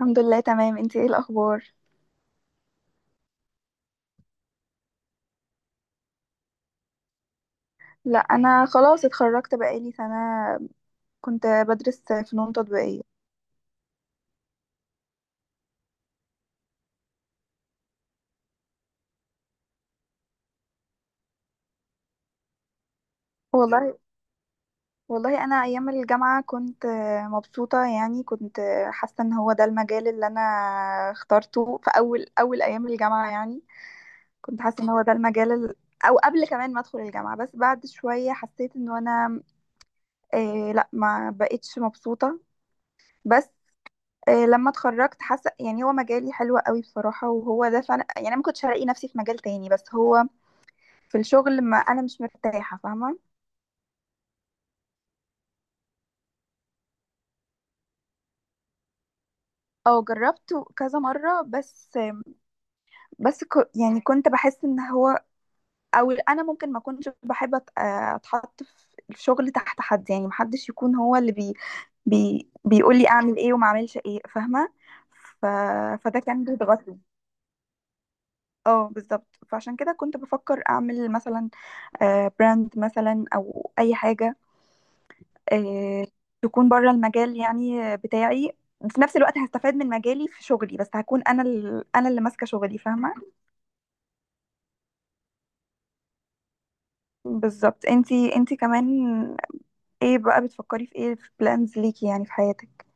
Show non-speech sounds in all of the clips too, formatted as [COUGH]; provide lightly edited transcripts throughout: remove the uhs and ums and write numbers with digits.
الحمد لله، تمام. انتي ايه الاخبار؟ لا، انا خلاص اتخرجت بقالي سنه. كنت بدرس فنون تطبيقيه. والله، والله انا ايام الجامعه كنت مبسوطه، يعني كنت حاسه ان هو ده المجال اللي انا اخترته في اول اول ايام الجامعه، يعني كنت حاسه ان هو ده المجال او قبل كمان ما ادخل الجامعه. بس بعد شويه حسيت ان انا لا، ما بقتش مبسوطه بس. لما اتخرجت حاسه يعني هو مجالي حلو قوي بصراحه، وهو ده فعلا، يعني انا ما كنتش هلاقي نفسي في مجال تاني، بس هو في الشغل ما انا مش مرتاحه، فاهمه. او جربته كذا مره بس. يعني كنت بحس ان هو، او انا ممكن ما كنتش بحب اتحط في الشغل تحت حد، يعني محدش يكون هو اللي بيقول لي اعمل ايه وما اعملش ايه، فاهمه. ف... فده كان بيضغطني. اه، بالظبط. فعشان كده كنت بفكر اعمل مثلا براند مثلا او اي حاجه، آه، تكون بره المجال يعني بتاعي. في نفس الوقت هستفاد من مجالي في شغلي، بس هكون انا اللي ماسكه شغلي، فاهمه. بالظبط. انتي كمان ايه بقى بتفكري في ايه، في بلانز ليكي يعني في حياتك؟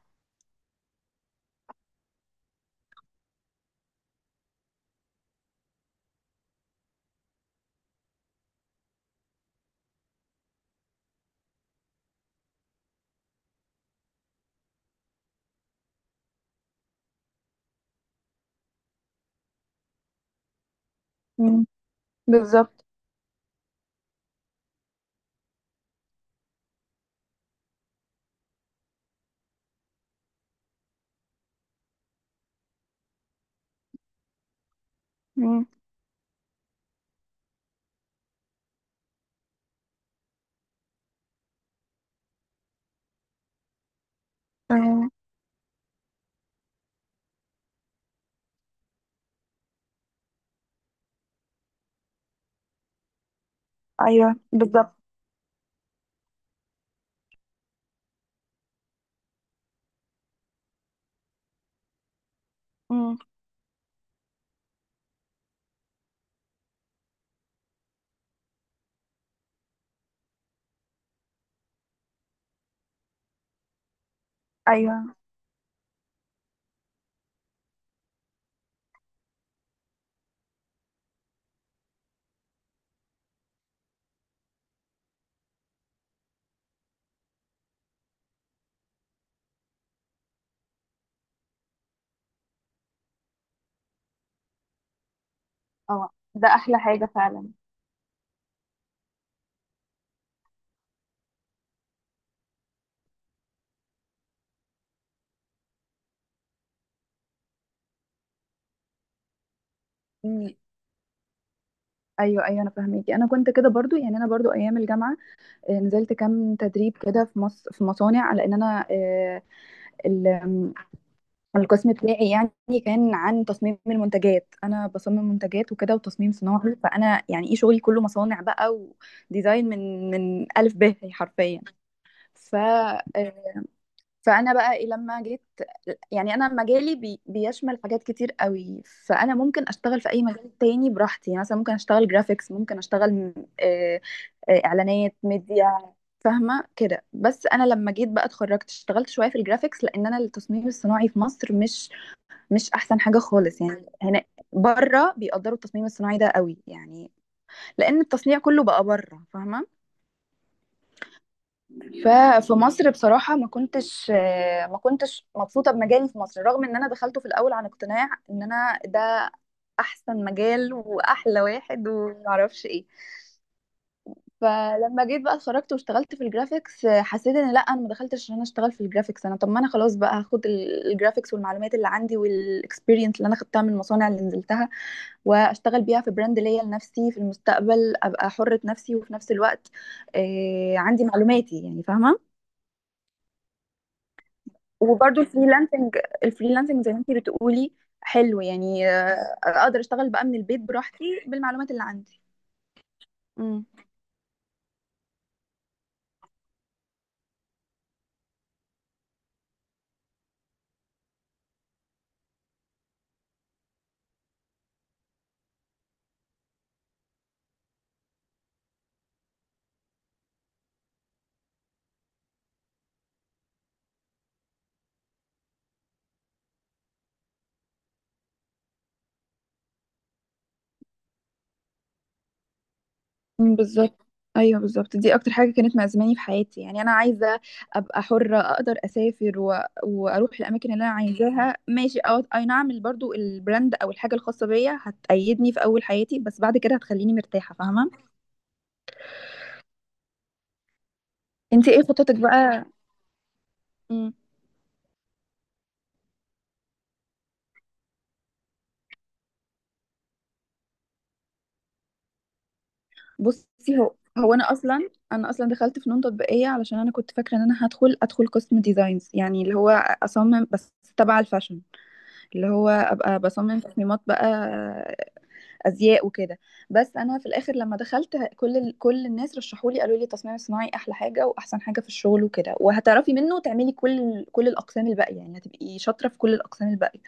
مم. بالظبط. مم. مم. ايوه بالظبط. مم. ايوه. اه، ده احلى حاجة فعلا. مم. ايوه، ايوه، انا فاهميكي. انا كنت كده برضو، يعني انا برضو ايام الجامعه نزلت كام تدريب كده في في مصانع، لان انا ال- القسم بتاعي يعني كان عن تصميم المنتجات. انا بصمم منتجات وكده، وتصميم صناعي، فانا يعني ايه شغلي كله مصانع بقى، وديزاين من الف ب حرفيا. ف آه، فانا بقى لما جيت، يعني انا مجالي بيشمل حاجات كتير قوي. فانا ممكن اشتغل في اي مجال تاني براحتي، يعني مثلا ممكن اشتغل جرافيكس، ممكن اشتغل آه، اعلانات، ميديا، فاهمه كده. بس انا لما جيت بقى اتخرجت اشتغلت شويه في الجرافيكس، لان انا التصميم الصناعي في مصر مش، مش احسن حاجه خالص يعني هنا. بره بيقدروا التصميم الصناعي ده قوي، يعني لان التصنيع كله بقى بره، فاهمه. ففي مصر بصراحة ما كنتش مبسوطة بمجالي في مصر، رغم ان انا دخلته في الاول عن اقتناع ان انا ده احسن مجال واحلى واحد ومعرفش ايه. فلما جيت بقى اتخرجت واشتغلت في الجرافيكس، حسيت ان لا، انا ما دخلتش عشان انا اشتغل في الجرافيكس. انا طب ما انا خلاص بقى هاخد الجرافيكس والمعلومات اللي عندي والاكسبيرينس اللي انا خدتها من المصانع اللي نزلتها، واشتغل بيها في براند ليا لنفسي في المستقبل، ابقى حرة نفسي، وفي نفس الوقت عندي معلوماتي يعني، فاهمة. وبرضو الفريلانسنج، الفريلانسنج زي ما انتي بتقولي، حلو يعني. اقدر اشتغل بقى من البيت براحتي بالمعلومات اللي عندي. امم. مم، بالظبط. ايوه بالظبط، دي اكتر حاجه كانت مأزماني في حياتي. يعني انا عايزه ابقى حره، اقدر اسافر واروح الاماكن اللي انا عايزاها ماشي. اي نعم، برضو البراند او الحاجه الخاصه بيا هتأيدني في اول حياتي، بس بعد كده هتخليني مرتاحه، فاهمه. انت ايه خطتك بقى؟ مم. بصي، هو انا اصلا دخلت فنون تطبيقيه علشان انا كنت فاكره ان انا ادخل قسم ديزاينز، يعني اللي هو اصمم بس تبع الفاشن، اللي هو ابقى بصمم تصميمات بقى ازياء وكده. بس انا في الاخر لما كل كل الناس رشحوا لي، قالوا لي التصميم الصناعي احلى حاجه واحسن حاجه في الشغل وكده، وهتعرفي منه تعملي كل كل الاقسام الباقيه، يعني هتبقي شاطره في كل الاقسام الباقيه.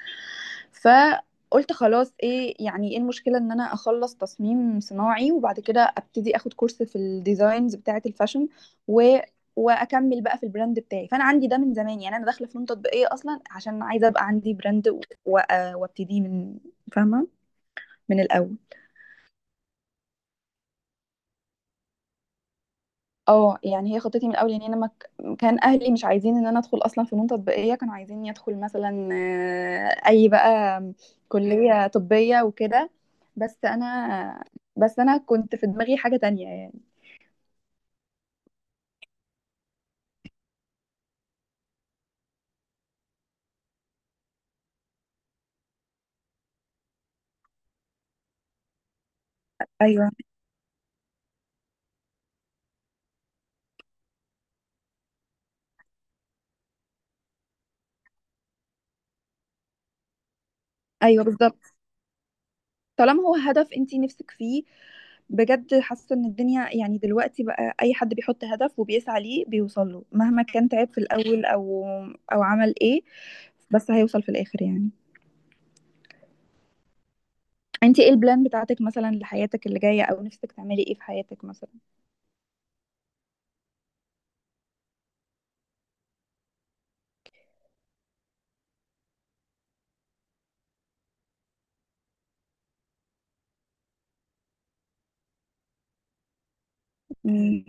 فقلت خلاص، ايه يعني ايه المشكله ان انا اخلص تصميم صناعي، وبعد كده ابتدي اخد كورس في الديزاينز بتاعه الفاشن و واكمل بقى في البراند. فاي فانا عندي ده من زمان، يعني انا داخله فنون تطبيقيه اصلا عشان عايزه ابقى عندي براند وابتديه من، فاهمه، من الاول. اه، يعني هي خطتي من الاول. يعني انا ما ك- كان اهلي مش عايزين ان انا ادخل اصلا فنون تطبيقيه، كانوا عايزيني ادخل مثلا آه، اي بقى كليه طبيه وكده. بس انا بس انا كنت في دماغي حاجه تانية يعني. ايوه، ايوه بالظبط. طالما هو هدف انتي نفسك فيه، بجد حاسه ان الدنيا يعني دلوقتي بقى اي حد بيحط هدف وبيسعى ليه بيوصل له، مهما كان تعب في الاول او عمل ايه، بس هيوصل في الاخر يعني. انت ايه البلان بتاعتك مثلا لحياتك اللي جاية، او نفسك تعملي ايه في حياتك مثلا؟ مم.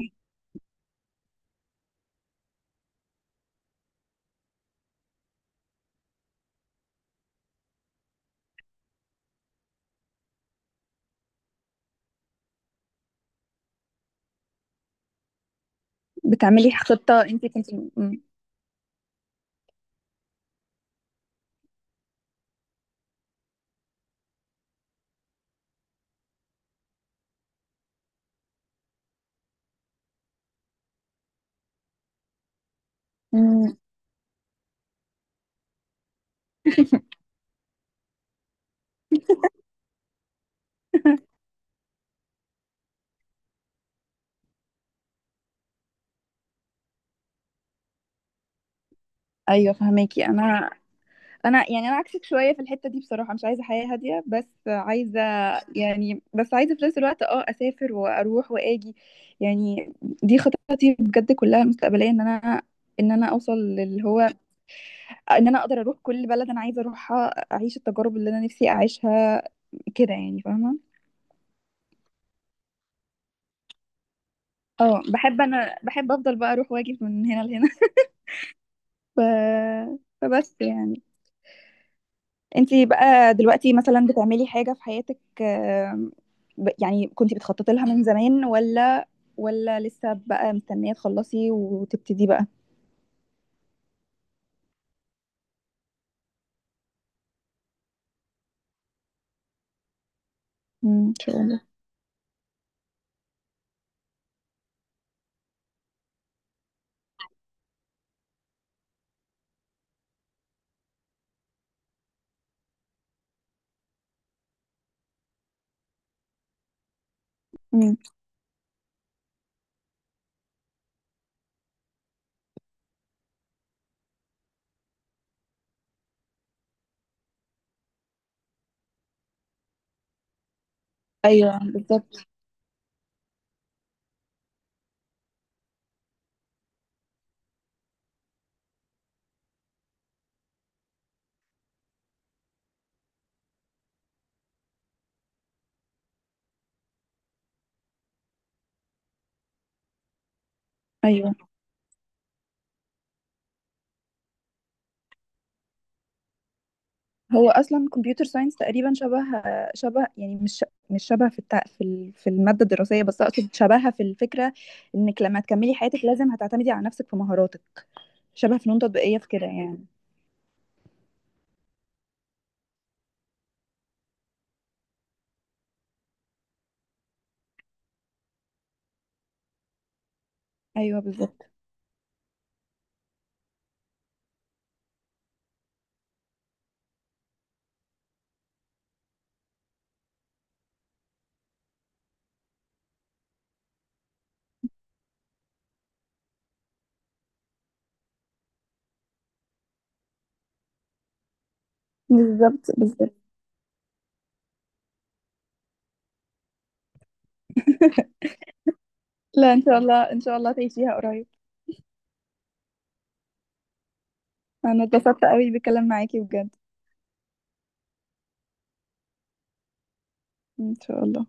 بتعملي خطة انت كنت. مم. مم. [LAUGHS] ايوه فهماكي انا. انا يعني انا عكسك شويه في الحته دي بصراحه، مش عايزه حياه هاديه، بس عايزه يعني، بس عايزه في نفس الوقت اه اسافر واروح واجي. يعني دي خططي بجد كلها مستقبليه، ان انا، اوصل للي هو ان انا اقدر اروح كل بلد انا عايزه اروحها، اعيش التجارب اللي انا نفسي اعيشها، كده يعني، فاهمه. اه بحب، انا بحب افضل بقى اروح واجي من هنا لهنا. [LAUGHS] ف... فبس يعني، انتي بقى دلوقتي مثلا بتعملي حاجة في حياتك، يعني كنتي بتخططي لها من زمان، ولا، ولا لسه بقى مستنية تخلصي وتبتدي بقى؟ مم، ان شاء الله. مم. ايوه بالظبط. ايوه. هو اصلا كمبيوتر ساينس تقريبا شبه، يعني مش، مش شبه في في المادة الدراسية، بس اقصد شبهها في الفكرة، انك لما تكملي حياتك لازم هتعتمدي على نفسك في مهاراتك، شبه فنون تطبيقية في كده يعني. ايوه بالظبط. بالظبط، بالظبط. لا، ان شاء الله، ان شاء الله تعيشيها قريب. انا اتبسطت قوي بالكلام معاكي بجد. ان شاء الله.